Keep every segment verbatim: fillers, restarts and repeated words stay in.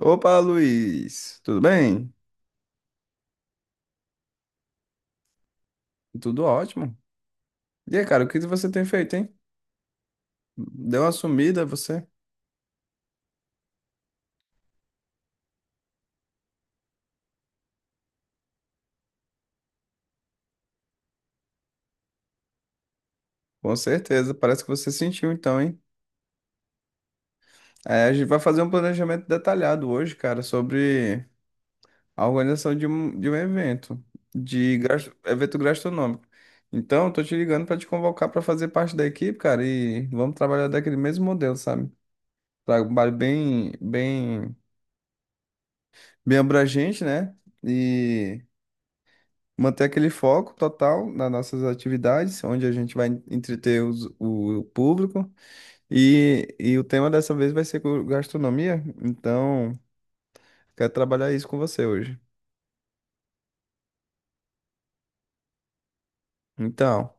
Opa, Luiz, tudo bem? Tudo ótimo. E aí, cara, o que você tem feito, hein? Deu uma sumida, você? Com certeza, parece que você sentiu então, hein? É, a gente vai fazer um planejamento detalhado hoje, cara, sobre a organização de um, de um evento, de gas- evento gastronômico. Então, eu tô te ligando pra te convocar pra fazer parte da equipe, cara, e vamos trabalhar daquele mesmo modelo, sabe? Trabalho bem, bem, bem abrangente, né? E manter aquele foco total nas nossas atividades, onde a gente vai entreter os- o público. E, e o tema dessa vez vai ser cu- gastronomia, então quero trabalhar isso com você hoje. Então,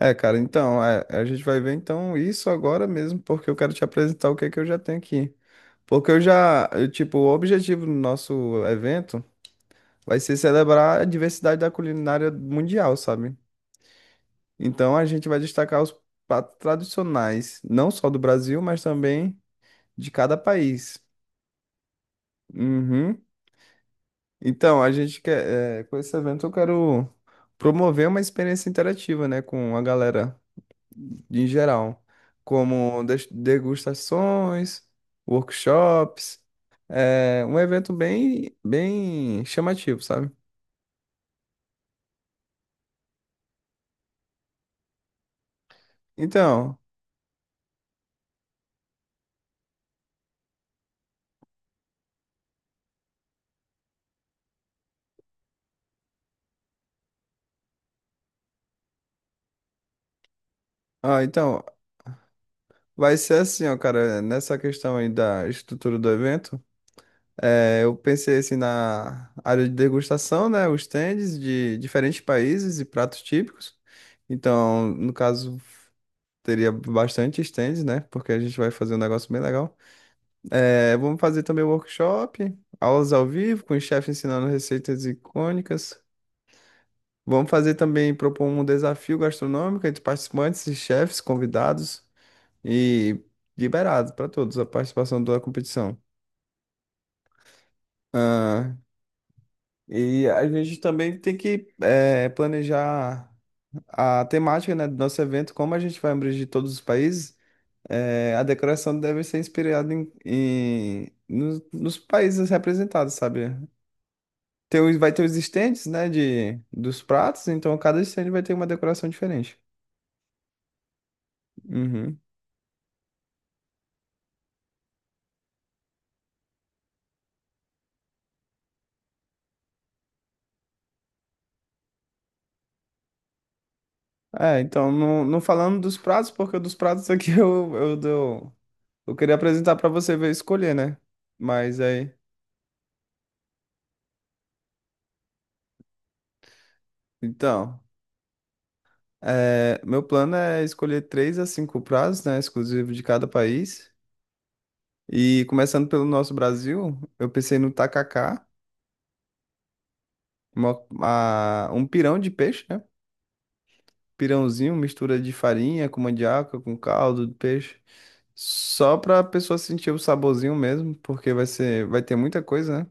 é, cara, então, é, a gente vai ver então isso agora mesmo, porque eu quero te apresentar o que é que eu já tenho aqui. Porque eu já, eu, tipo, o objetivo do nosso evento vai ser celebrar a diversidade da culinária mundial, sabe? Então a gente vai destacar os pratos tradicionais, não só do Brasil, mas também de cada país. Uhum. Então, a gente quer, é, com esse evento eu quero promover uma experiência interativa, né, com a galera em geral, como des- degustações, workshops, é um evento bem, bem chamativo, sabe? Então, ah, então vai ser assim, ó, cara, nessa questão aí da estrutura do evento. É, eu pensei assim na área de degustação, né? Os stands de diferentes países e pratos típicos. Então, no caso, teria bastante stands, né? Porque a gente vai fazer um negócio bem legal. É, vamos fazer também workshop, aulas ao vivo, com o chefe ensinando receitas icônicas. Vamos fazer também, propor um desafio gastronômico entre participantes e chefes convidados e liberado para todos a participação da competição. E a gente também tem que eh, planejar a temática, né, do nosso evento, como a gente vai abranger todos os países, eh, a decoração deve ser inspirada em, em- nos, nos países representados, sabe? Tem, os- vai ter os estandes, né, de, dos pratos, então cada estande vai ter uma decoração diferente. Uhum. É, então, não, não falando dos pratos, porque dos pratos aqui eu, eu, dou, eu queria apresentar para você ver e escolher, né? Mas aí, então... É, meu plano é escolher três a cinco prazos, né, exclusivo de cada país. E começando pelo nosso Brasil, eu pensei no tacacá, uma- a- um pirão de peixe, né? Pirãozinho, mistura de farinha com mandioca, com caldo de peixe. Só para a pessoa sentir o saborzinho mesmo, porque vai ser, vai ter muita coisa, né?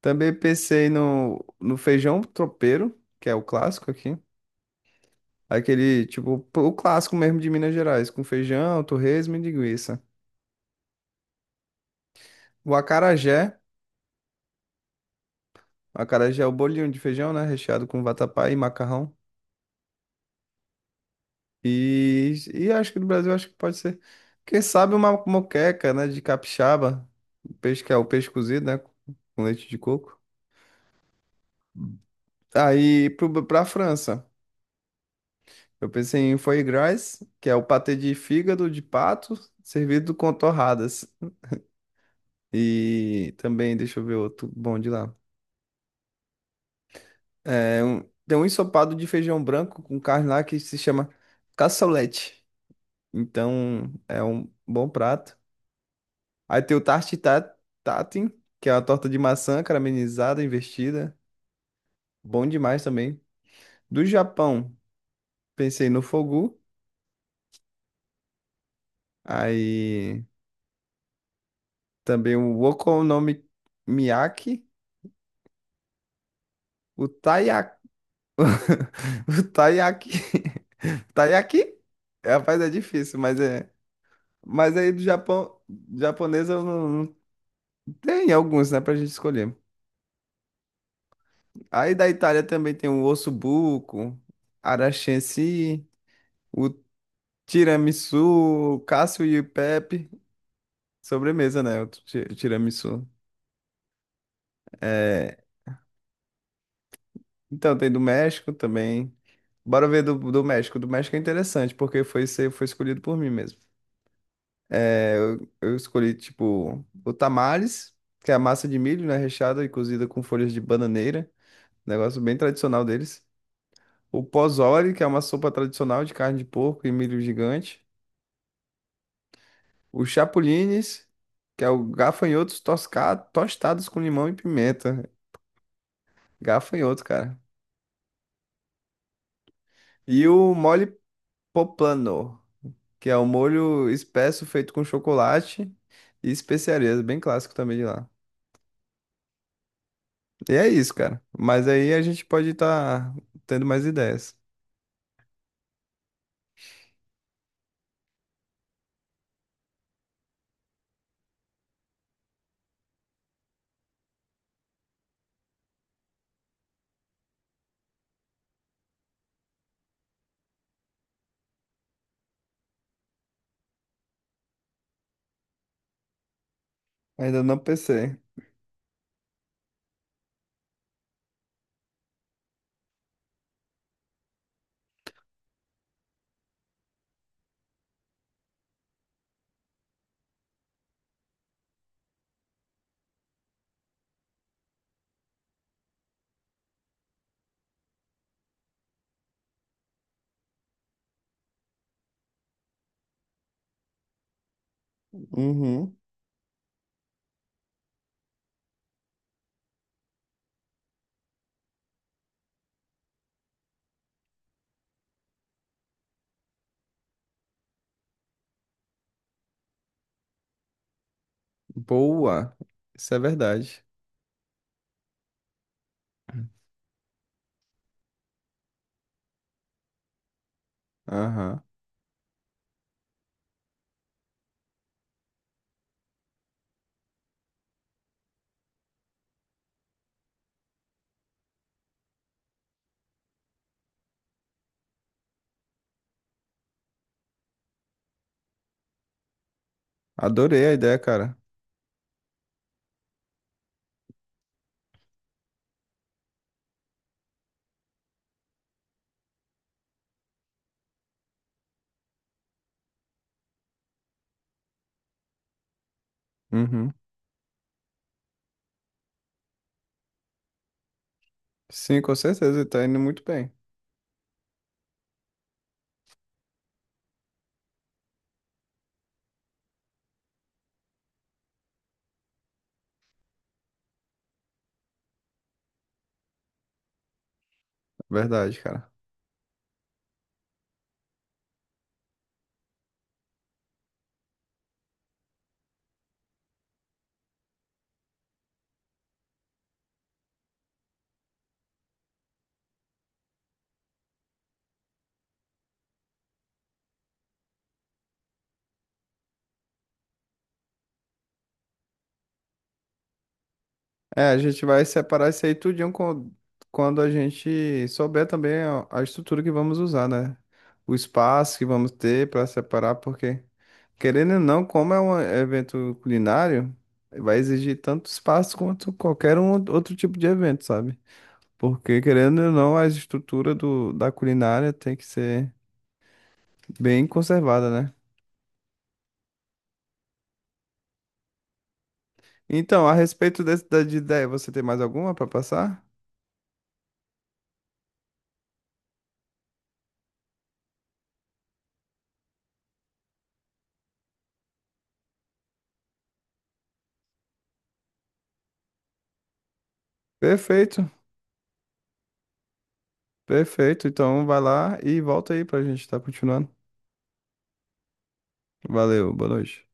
Também pensei no, no feijão tropeiro, que é o clássico aqui. Aquele, tipo, o clássico mesmo de Minas Gerais, com feijão, torresmo e linguiça. O acarajé. O acarajé é o bolinho de feijão, né? Recheado com vatapá e macarrão. E, e acho que no Brasil acho que pode ser. Quem sabe uma moqueca, né? De capixaba. O peixe que é o peixe cozido, né? Com leite de coco. Aí pro, pra França. Eu pensei em foie gras, que é o patê de fígado de pato, servido com torradas. E também, deixa eu ver outro bom de lá. É, um- tem um ensopado de feijão branco com carne lá que se chama cassoulet. Então é um bom prato. Aí tem o tarte ta- tatin, que é uma torta de maçã caramelizada, investida. Bom demais também. Do Japão, pensei no fogu. Aí também o okonomiyaki, o taiyaki. O taiyaki. Taiyaki? Rapaz, é difícil, mas é. Mas aí do Japão, japonesa eu não não- tem alguns, né, pra gente escolher. Aí da Itália também tem o osso buco, aranchensi, o tiramisu, o Cassio e Pepe, sobremesa, né? O ti- tiramisu. É, então tem do México também. Bora ver do, do México. Do México é interessante, porque foi, ser- foi escolhido por mim mesmo. Eu escolhi, tipo, o tamales, que é a massa de milho, né? Recheada e cozida com folhas de bananeira. Negócio bem tradicional deles. O pozole, que é uma sopa tradicional de carne de porco e milho gigante. Os chapulines, que é o gafanhotos tosca- tostados com limão e pimenta. Gafanhoto, cara. E o mole poplano, que é o molho espesso feito com chocolate e especiarias, bem clássico também de lá. E é isso, cara. Mas aí a gente pode estar tendo mais ideias. Ainda não pensei. Uhum. Boa. Isso é verdade. Aham. Adorei a ideia, cara. Uhum. Sim, com certeza. Tá indo muito bem. Verdade, cara. É, a gente vai separar isso aí tudinho com- quando a gente souber também a a estrutura que vamos usar, né? O espaço que vamos ter para separar, porque, querendo ou não, como é um evento culinário, vai exigir tanto espaço quanto qualquer um outro tipo de evento, sabe? Porque, querendo ou não, a estrutura do, da culinária tem que ser bem conservada, né? Então, a respeito desse, da de ideia, você tem mais alguma para passar? Perfeito. Perfeito, então vai lá e volta aí pra gente estar continuando. Valeu, boa noite.